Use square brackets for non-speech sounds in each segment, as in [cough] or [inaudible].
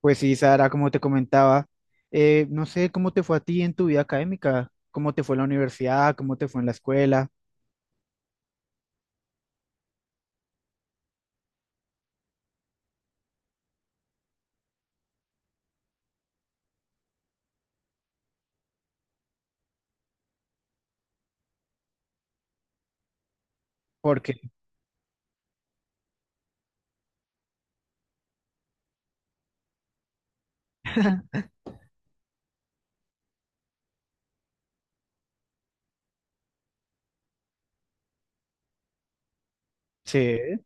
Pues sí, Sara, como te comentaba, no sé cómo te fue a ti en tu vida académica, cómo te fue en la universidad, cómo te fue en la escuela, porque sí,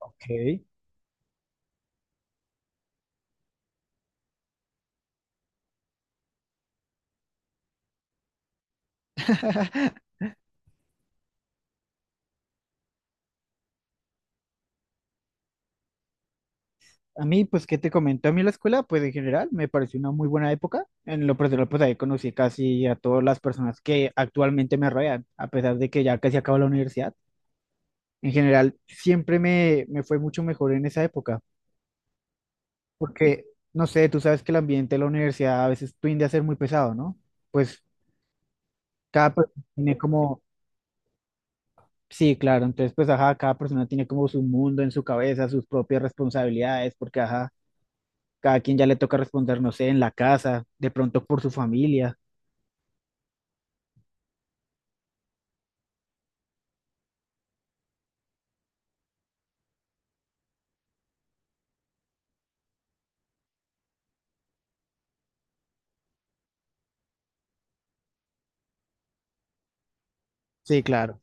ok. [laughs] A mí, pues, ¿qué te comento? A mí la escuela, pues, en general, me pareció una muy buena época. En lo personal, pues, ahí conocí casi a todas las personas que actualmente me rodean, a pesar de que ya casi acabo la universidad. En general, siempre me fue mucho mejor en esa época, porque, no sé, tú sabes que el ambiente de la universidad a veces tiende a ser muy pesado, ¿no? Pues, cada persona tiene como, sí, claro, entonces pues ajá, cada persona tiene como su mundo en su cabeza, sus propias responsabilidades, porque ajá, cada quien ya le toca responder, no sé, en la casa, de pronto por su familia. Sí, claro.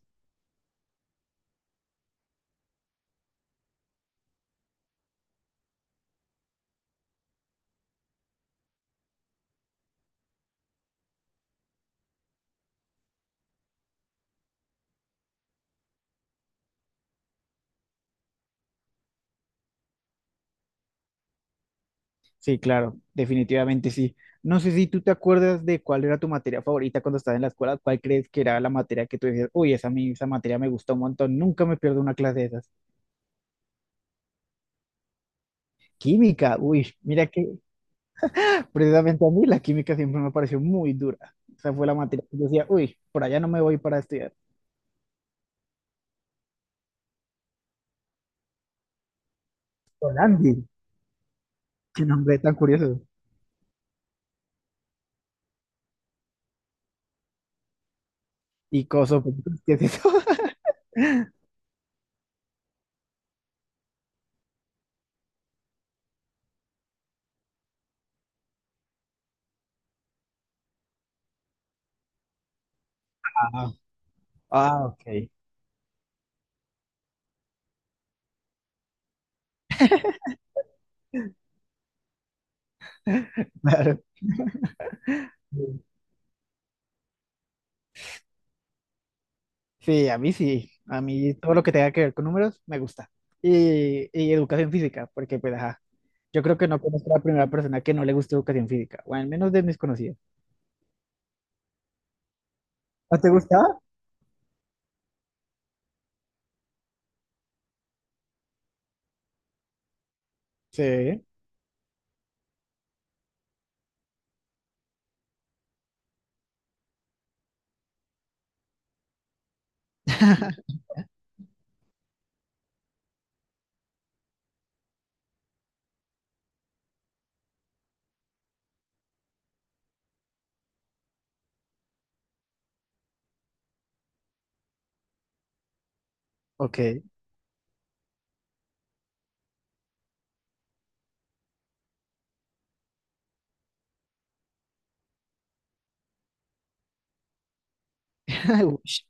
Sí, claro, definitivamente sí. No sé si tú te acuerdas de cuál era tu materia favorita cuando estabas en la escuela, cuál crees que era la materia que tú decías, uy, esa, esa materia me gustó un montón, nunca me pierdo una clase de esas. Química, uy, mira que precisamente a mí la química siempre me pareció muy dura. Esa fue la materia que yo decía, uy, por allá no me voy para estudiar. Solandi, qué nombre tan curioso. Y coso, pues, ¿qué es eso? [laughs] Ah, ah, ok, [laughs] claro. Sí. A mí todo lo que tenga que ver con números me gusta. Y educación física, porque pues ajá, yo creo que no conozco a la primera persona que no le guste educación física, o al menos de mis conocidos. ¿No te gustaba? Sí. Ok. [laughs] Ush.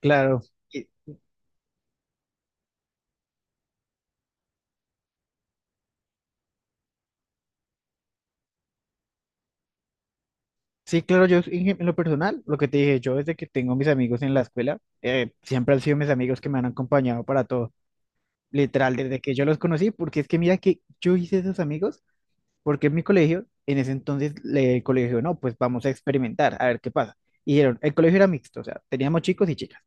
Claro. Y- sí, claro, yo en lo personal, lo que te dije, yo desde que tengo mis amigos en la escuela, siempre han sido mis amigos que me han acompañado para todo, literal, desde que yo los conocí, porque es que mira que yo hice esos amigos. Porque en mi colegio, en ese entonces, el colegio, no, pues vamos a experimentar, a ver qué pasa. Y dijeron, el colegio era mixto, o sea, teníamos chicos y chicas.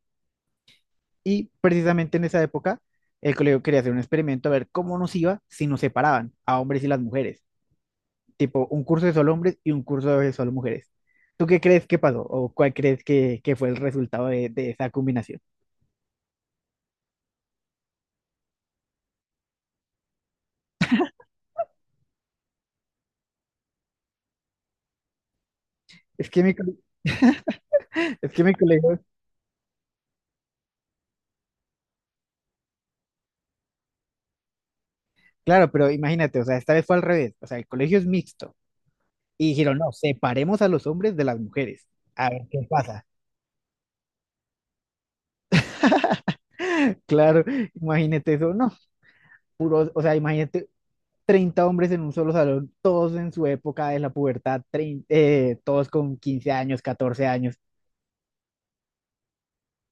Y precisamente en esa época, el colegio quería hacer un experimento a ver cómo nos iba si nos separaban a hombres y las mujeres. Tipo, un curso de solo hombres y un curso de solo mujeres. ¿Tú qué crees que pasó? ¿O cuál crees que fue el resultado de esa combinación? Es que mi, cole- [laughs] Es que mi colegio, claro, pero imagínate, o sea, esta vez fue al revés. O sea, el colegio es mixto. Y dijeron, no, separemos a los hombres de las mujeres. A ver qué pasa. [laughs] Claro, imagínate eso, no, puro, o sea, imagínate 30 hombres en un solo salón, todos en su época de la pubertad, todos con 15 años, 14 años.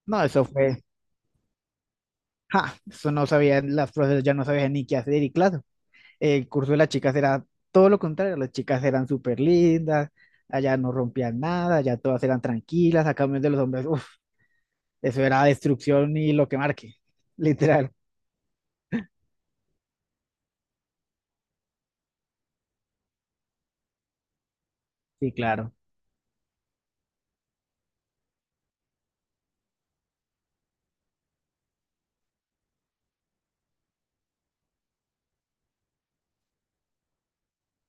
No, eso fue, ja, eso no sabían, las profesoras ya no sabían ni qué hacer y claro, el curso de las chicas era todo lo contrario, las chicas eran súper lindas, allá no rompían nada, allá todas eran tranquilas, a cambio de los hombres, uff, eso era destrucción y lo que marque, literal. Sí, claro.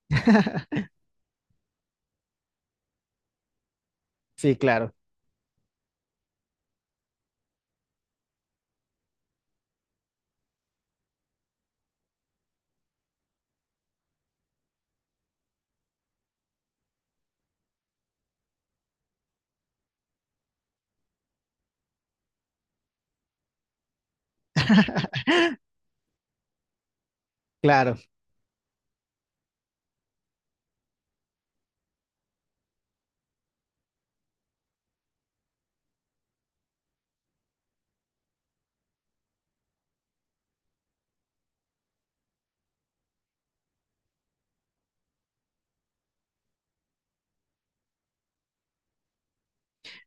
[laughs] Sí, claro. Claro,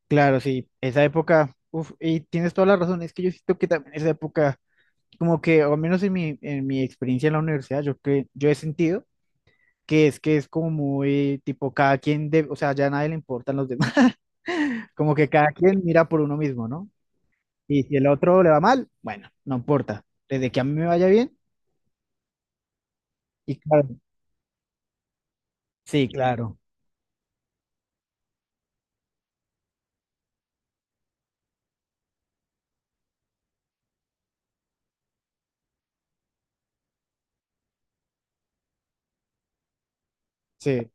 claro, sí. Esa época, uf, y tienes toda la razón, es que yo siento que también esa época, como que, o al menos en mi experiencia en la universidad, yo he sentido que es como muy tipo cada quien de, o sea, ya a nadie le importan los demás. [laughs] Como que cada quien mira por uno mismo, ¿no? Y si el otro le va mal, bueno, no importa. Desde que a mí me vaya bien, y claro, sí, claro, sí,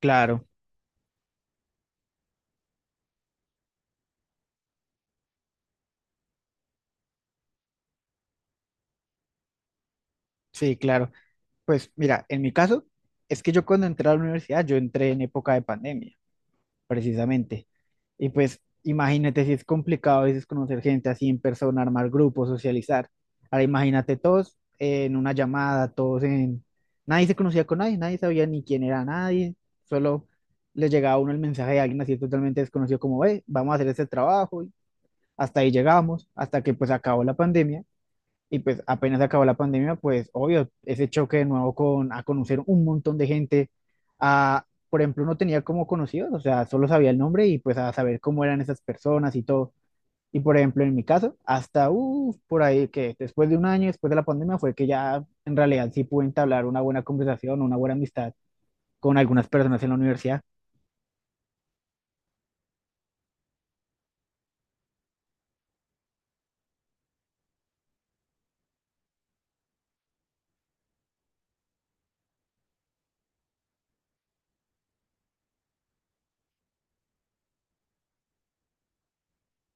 claro, sí, claro. Pues mira, en mi caso, es que yo cuando entré a la universidad, yo entré en época de pandemia, precisamente. Y pues imagínate si es complicado a veces conocer gente así en persona, armar grupos, socializar. Ahora imagínate todos en una llamada, todos en... Nadie se conocía con nadie, nadie sabía ni quién era nadie, solo le llegaba a uno el mensaje de alguien así totalmente desconocido como, ve, vamos a hacer este trabajo, y hasta ahí llegamos, hasta que pues acabó la pandemia y pues apenas acabó la pandemia, pues obvio, ese choque de nuevo con a conocer un montón de gente. A, por ejemplo, no tenía como conocidos, o sea, solo sabía el nombre y pues a saber cómo eran esas personas y todo. Y por ejemplo, en mi caso, hasta por ahí que después de un año, después de la pandemia, fue que ya en realidad sí pude entablar una buena conversación, una buena amistad con algunas personas en la universidad.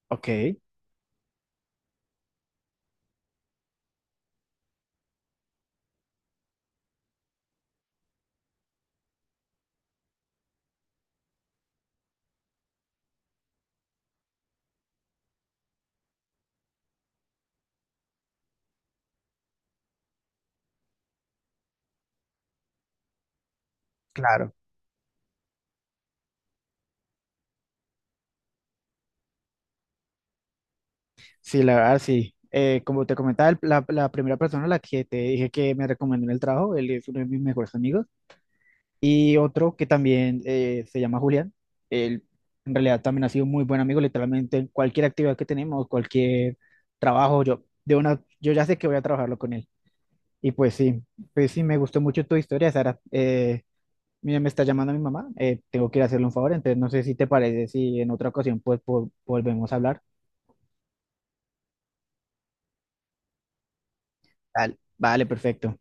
Ok, claro. Sí, la verdad, sí. Como te comentaba, la primera persona a la que te dije que me recomendó en el trabajo, él es uno de mis mejores amigos. Y otro que también se llama Julián. Él en realidad también ha sido muy buen amigo, literalmente en cualquier actividad que tenemos, cualquier trabajo, yo, de una, yo ya sé que voy a trabajarlo con él. Y pues sí, pues sí, me gustó mucho tu historia, Sara. Mira, me está llamando mi mamá, tengo que ir a hacerle un favor, entonces no sé si te parece, si en otra ocasión volvemos a hablar. Dale. Vale, perfecto.